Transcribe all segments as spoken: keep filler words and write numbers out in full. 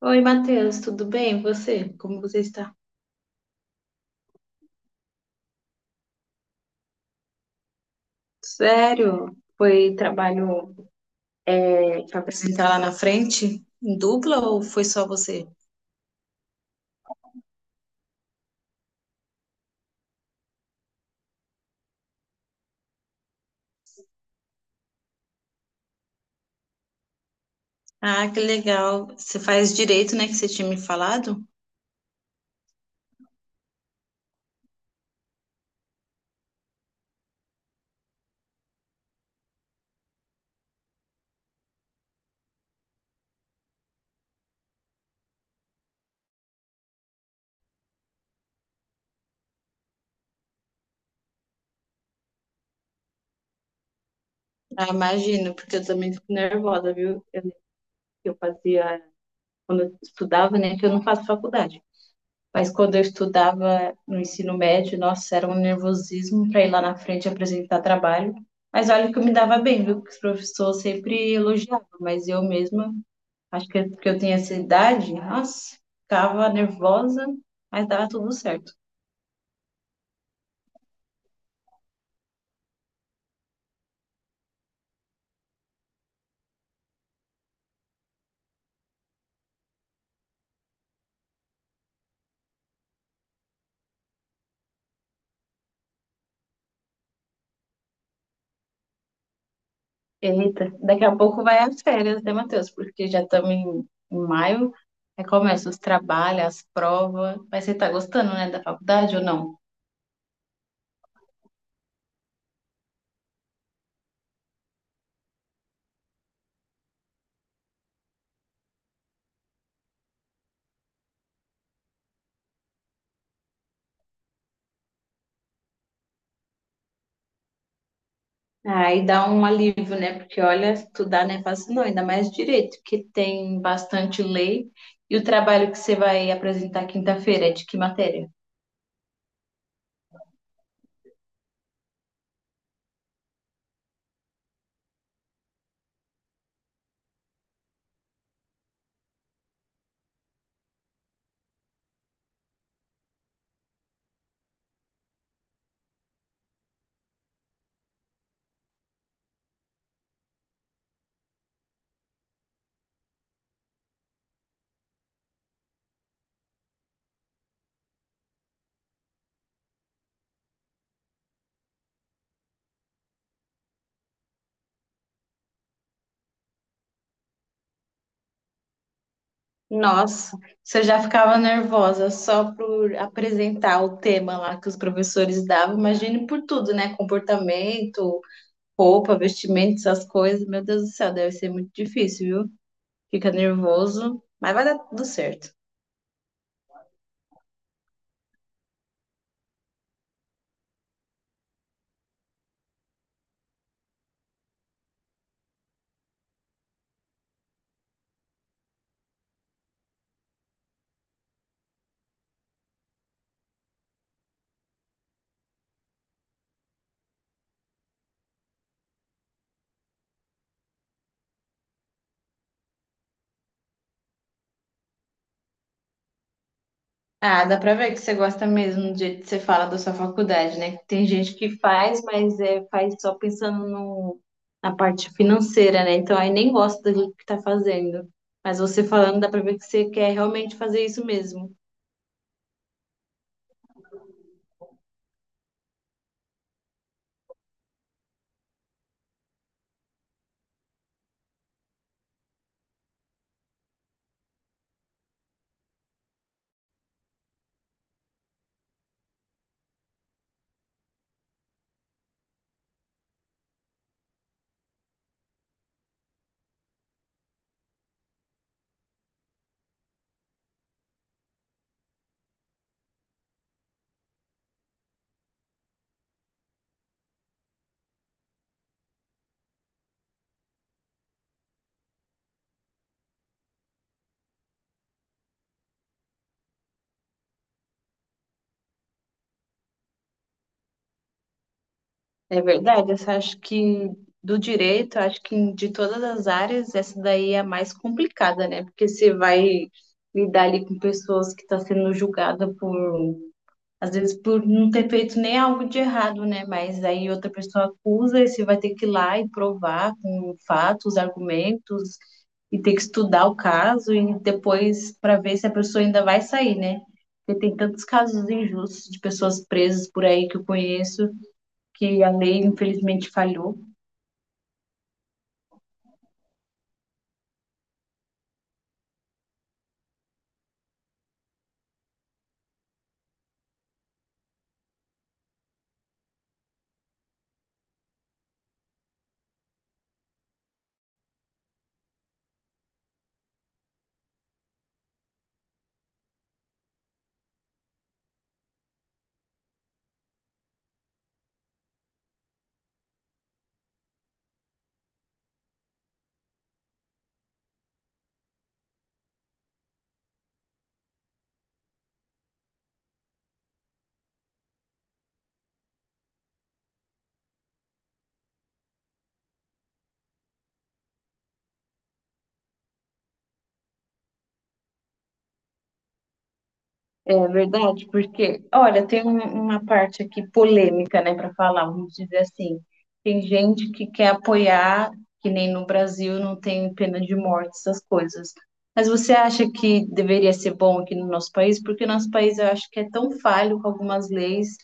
Oi, Matheus, tudo bem? E você? Como você está? Sério? Foi trabalho para apresentar lá na frente? Em dupla ou foi só você? Ah, que legal. Você faz direito, né, que você tinha me falado? Ah, imagino, porque eu também fico nervosa, viu? Eu, lembro que eu fazia, quando eu estudava, né, que eu não faço faculdade. Mas quando eu estudava no ensino médio, nossa, era um nervosismo para ir lá na frente apresentar trabalho. Mas olha que eu me dava bem, viu? Que os professores sempre elogiavam, mas eu mesma. Acho que porque eu tinha essa idade, nossa, ficava nervosa, mas dava tudo certo. Eita, daqui a pouco vai as férias, né, Matheus? Porque já estamos em, em maio, aí começa os trabalhos, as provas. Mas você tá gostando, né, da faculdade ou não? Aí dá um alívio, né? Porque olha, estudar não é fácil, não, ainda mais direito, que tem bastante lei. E o trabalho que você vai apresentar quinta-feira é de que matéria? Nossa, você já ficava nervosa só por apresentar o tema lá que os professores davam, imagine por tudo, né? Comportamento, roupa, vestimento, essas coisas. Meu Deus do céu, deve ser muito difícil, viu? Fica nervoso, mas vai dar tudo certo. Ah, dá pra ver que você gosta mesmo do jeito que você fala da sua faculdade, né? Tem gente que faz, mas é, faz só pensando no, na parte financeira, né? Então aí nem gosta do que tá fazendo. Mas você falando, dá pra ver que você quer realmente fazer isso mesmo. É verdade, eu só acho que do direito, acho que de todas as áreas, essa daí é a mais complicada, né? Porque você vai lidar ali com pessoas que estão sendo julgada por, às vezes, por não ter feito nem algo de errado, né? Mas aí outra pessoa acusa e você vai ter que ir lá e provar com fatos, argumentos, e ter que estudar o caso e depois para ver se a pessoa ainda vai sair, né? Porque tem tantos casos injustos de pessoas presas por aí que eu conheço que a lei infelizmente falhou. É verdade, porque, olha, tem um- uma parte aqui polêmica, né, para falar, vamos dizer assim. Tem gente que quer apoiar, que nem no Brasil não tem pena de morte, essas coisas. Mas você acha que deveria ser bom aqui no nosso país? Porque nosso país eu acho que é tão falho com algumas leis.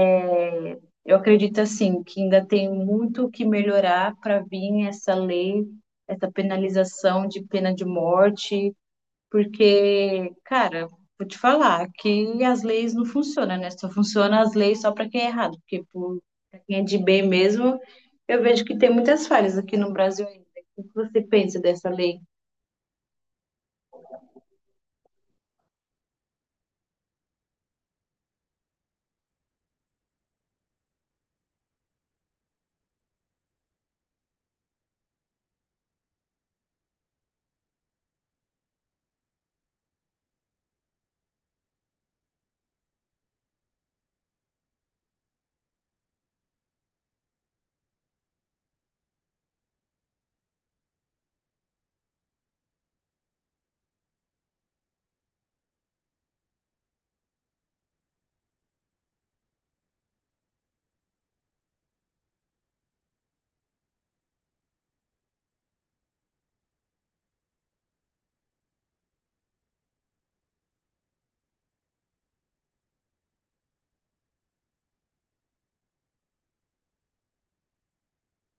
É, eu acredito assim que ainda tem muito o que melhorar para vir essa lei, essa penalização de pena de morte. Porque, cara, vou te falar que as leis não funcionam, né? Só funcionam as leis só para quem é errado, porque por, pra quem é de bem mesmo, eu vejo que tem muitas falhas aqui no Brasil ainda. O que você pensa dessa lei?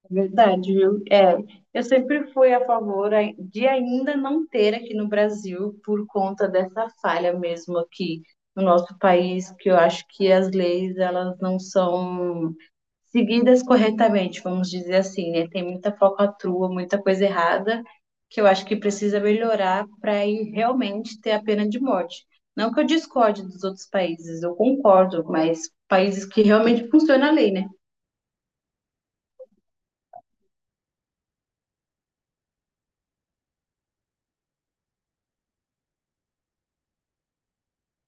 É verdade, viu? É, eu sempre fui a favor ai- de ainda não ter aqui no Brasil por conta dessa falha mesmo aqui no nosso país, que eu acho que as leis elas não são seguidas corretamente, vamos dizer assim, né? Tem muita falcatrua, muita coisa errada, que eu acho que precisa melhorar para ir realmente ter a pena de morte. Não que eu discorde dos outros países, eu concordo, mas países que realmente funciona a lei, né?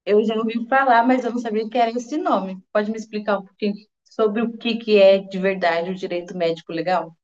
Eu já ouvi falar, mas eu não sabia que era esse nome. Pode me explicar um pouquinho sobre o que que é de verdade o direito médico legal?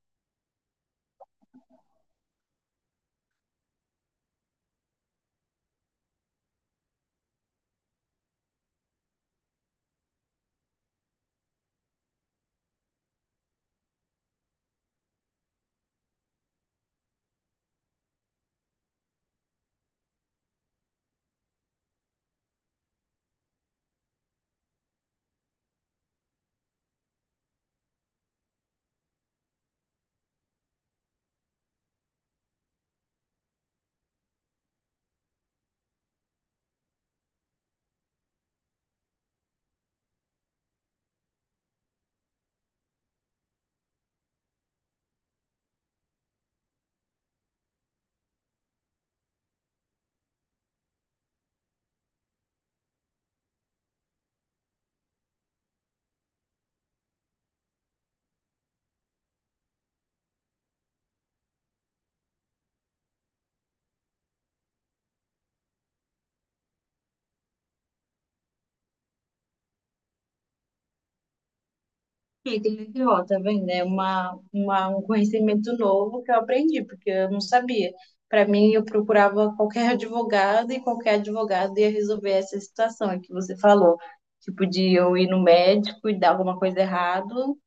E que legal, tá vendo? É uma, uma, um conhecimento novo que eu aprendi, porque eu não sabia. Para mim, eu procurava qualquer advogado e qualquer advogado ia resolver essa situação que você falou. Tipo, de eu ir no médico e dar alguma coisa errado,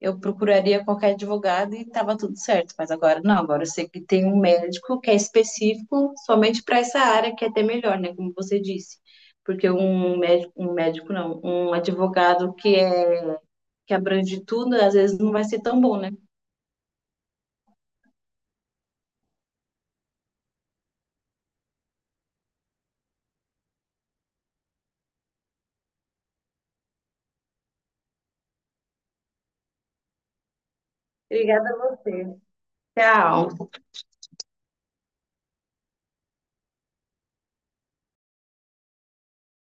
eu procuraria qualquer advogado e tava tudo certo. Mas agora não, agora eu sei que tem um médico que é específico somente para essa área, que é até melhor, né? Como você disse. Porque um médico, um médico não, um advogado que é que abrange tudo, às vezes não vai ser tão bom, né? Obrigada a você. Tchau.